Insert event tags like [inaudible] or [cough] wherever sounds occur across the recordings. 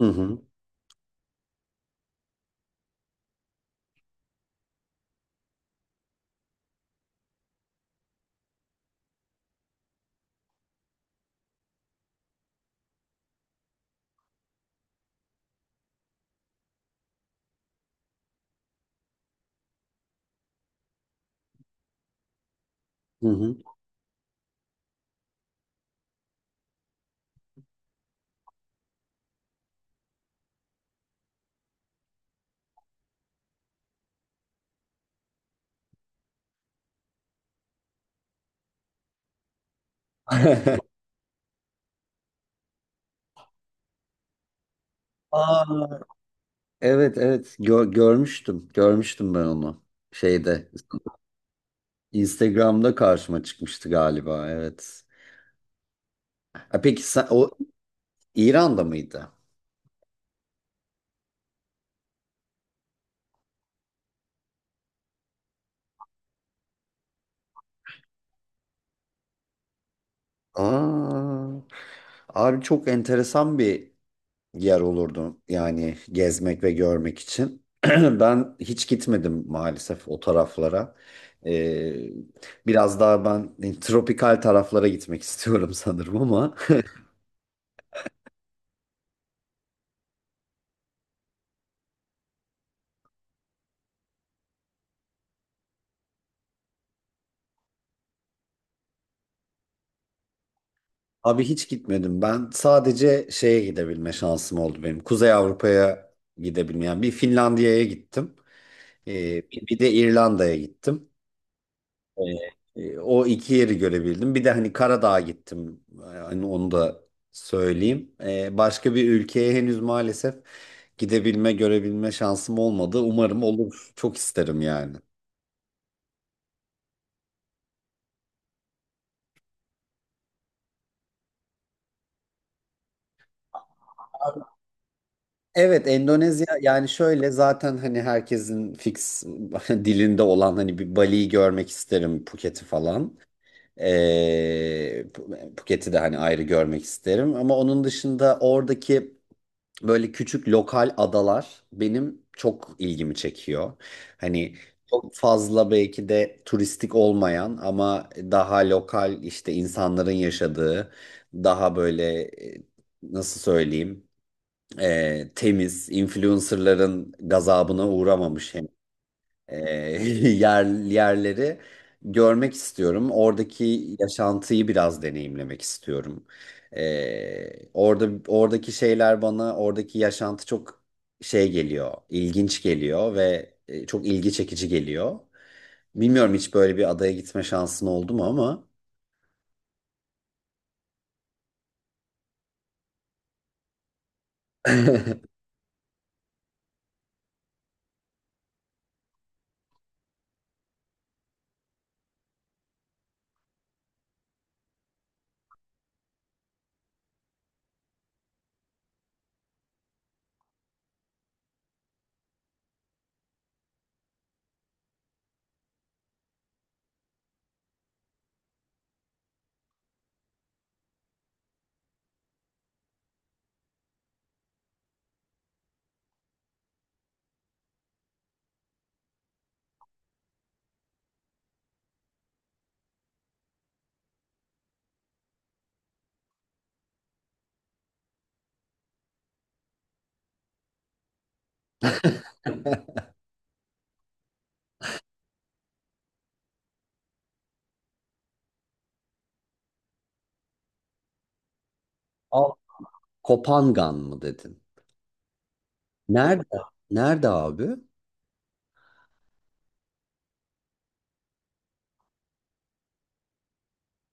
Hı hı. Hı hı. [laughs] Aa, evet evet görmüştüm. Görmüştüm ben onu. Şeyde Instagram'da karşıma çıkmıştı galiba, evet. Ha, peki sen, o İran'da mıydı? Aa, abi çok enteresan bir yer olurdu yani gezmek ve görmek için. [clears throat] Ben hiç gitmedim maalesef o taraflara. Ee, biraz daha ben tropikal taraflara gitmek [laughs] istiyorum sanırım ama abi hiç gitmedim ben. Sadece şeye gidebilme şansım oldu benim. Kuzey Avrupa'ya gidebilmeyen, yani bir Finlandiya'ya gittim. Bir de İrlanda'ya gittim. Ee, o iki yeri görebildim. Bir de hani Karadağ'a gittim. Yani onu da söyleyeyim. Başka bir ülkeye henüz maalesef gidebilme, görebilme şansım olmadı. Umarım olur. Çok isterim yani. Evet, Endonezya. Yani şöyle, zaten hani herkesin fix [laughs] dilinde olan, hani bir Bali'yi görmek isterim, Phuket'i falan. Ee, Phuket'i de hani ayrı görmek isterim, ama onun dışında oradaki böyle küçük lokal adalar benim çok ilgimi çekiyor. Hani çok fazla belki de turistik olmayan, ama daha lokal, işte insanların yaşadığı, daha böyle nasıl söyleyeyim, temiz, influencerların gazabına uğramamış hem e, [laughs] yerleri görmek istiyorum. Oradaki yaşantıyı biraz deneyimlemek istiyorum. E, oradaki şeyler bana, oradaki yaşantı çok şey geliyor, ilginç geliyor ve çok ilgi çekici geliyor. Bilmiyorum, hiç böyle bir adaya gitme şansın oldu mu ama [laughs] al, Kopangan mı dedin? Nerede? Nerede abi?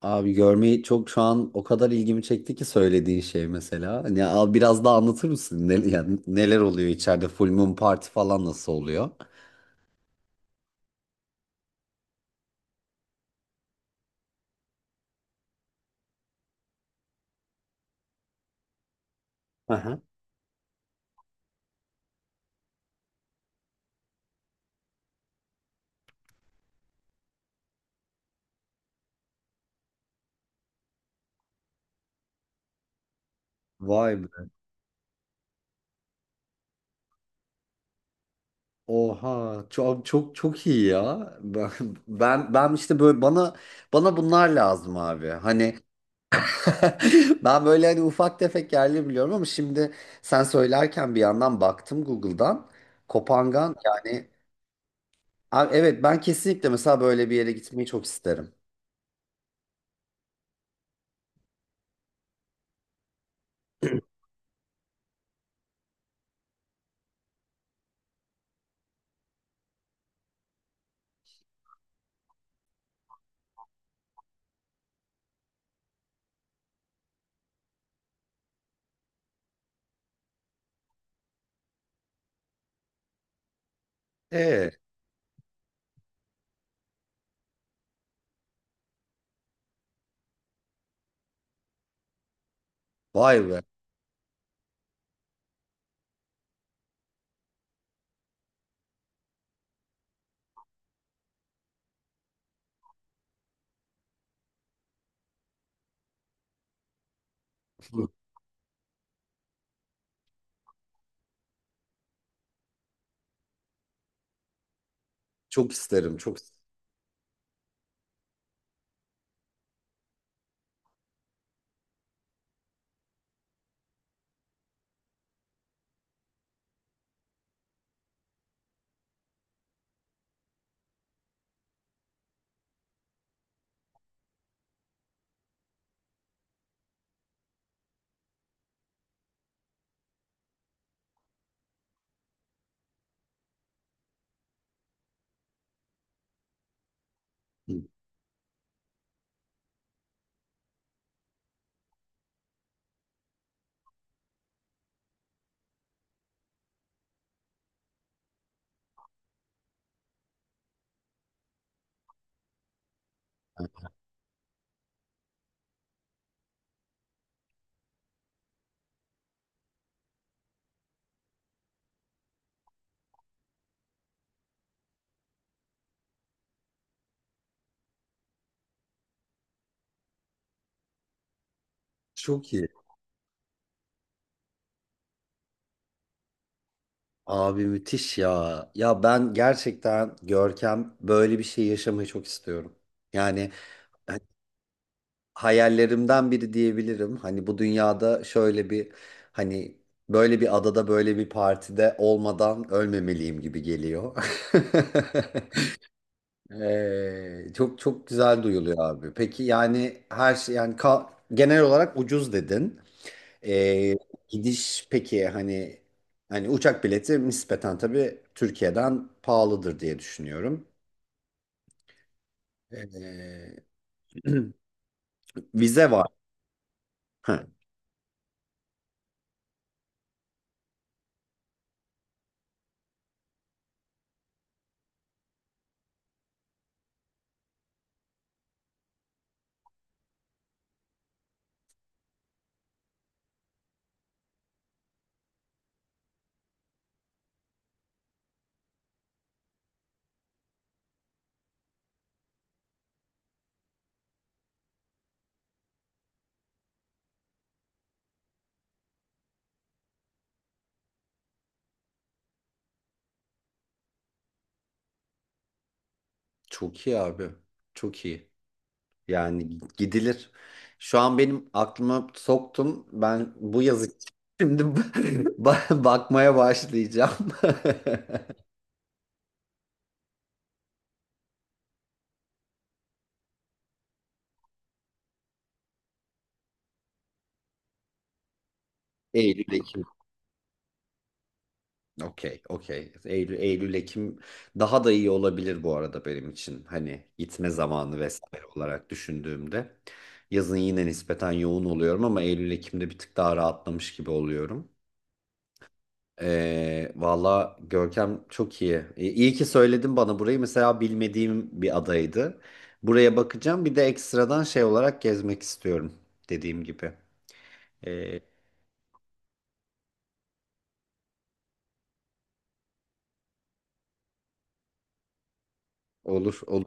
Abi görmeyi çok, şu an o kadar ilgimi çekti ki söylediğin şey mesela. Hani al, biraz daha anlatır mısın? Ne, yani neler oluyor içeride? Full Moon Party falan nasıl oluyor? Aha. Vay be. Oha, çok çok çok iyi ya. Ben işte böyle bana bunlar lazım abi. Hani [laughs] ben böyle hani ufak tefek yerleri biliyorum, ama şimdi sen söylerken bir yandan baktım Google'dan. Kopangan yani, abi evet, ben kesinlikle mesela böyle bir yere gitmeyi çok isterim. E, vay be. Çok isterim. Çok isterim. Çok iyi. Abi müthiş ya. Ya ben gerçekten Görkem böyle bir şey yaşamayı çok istiyorum. Yani hani hayallerimden biri diyebilirim. Hani bu dünyada şöyle bir, hani böyle bir adada, böyle bir partide olmadan ölmemeliyim gibi geliyor. [laughs] Çok çok güzel duyuluyor abi. Peki yani, her şey yani, genel olarak ucuz dedin. Ee, gidiş peki, hani uçak bileti nispeten tabii Türkiye'den pahalıdır diye düşünüyorum. Ee, [clears throat] vize var. Ha, çok iyi abi. Çok iyi. Yani gidilir. Şu an benim aklıma soktum. Ben bu yazı [laughs] şimdi bakmaya başlayacağım. [laughs] Eylül, Ekim. Okey, okey. Eylül, Ekim daha da iyi olabilir bu arada benim için. Hani gitme zamanı vesaire olarak düşündüğümde. Yazın yine nispeten yoğun oluyorum, ama Eylül, Ekim'de bir tık daha rahatlamış gibi oluyorum. Valla Görkem çok iyi. İyi ki söyledin bana burayı. Mesela bilmediğim bir adaydı. Buraya bakacağım. Bir de ekstradan şey olarak gezmek istiyorum, dediğim gibi. Ee, olur, olur.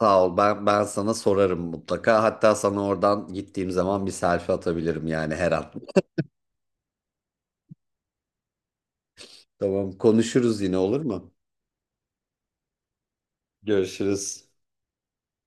Sağ ol. Ben sana sorarım mutlaka. Hatta sana oradan gittiğim zaman bir selfie atabilirim yani her an. Tamam, konuşuruz yine, olur mu? Görüşürüz.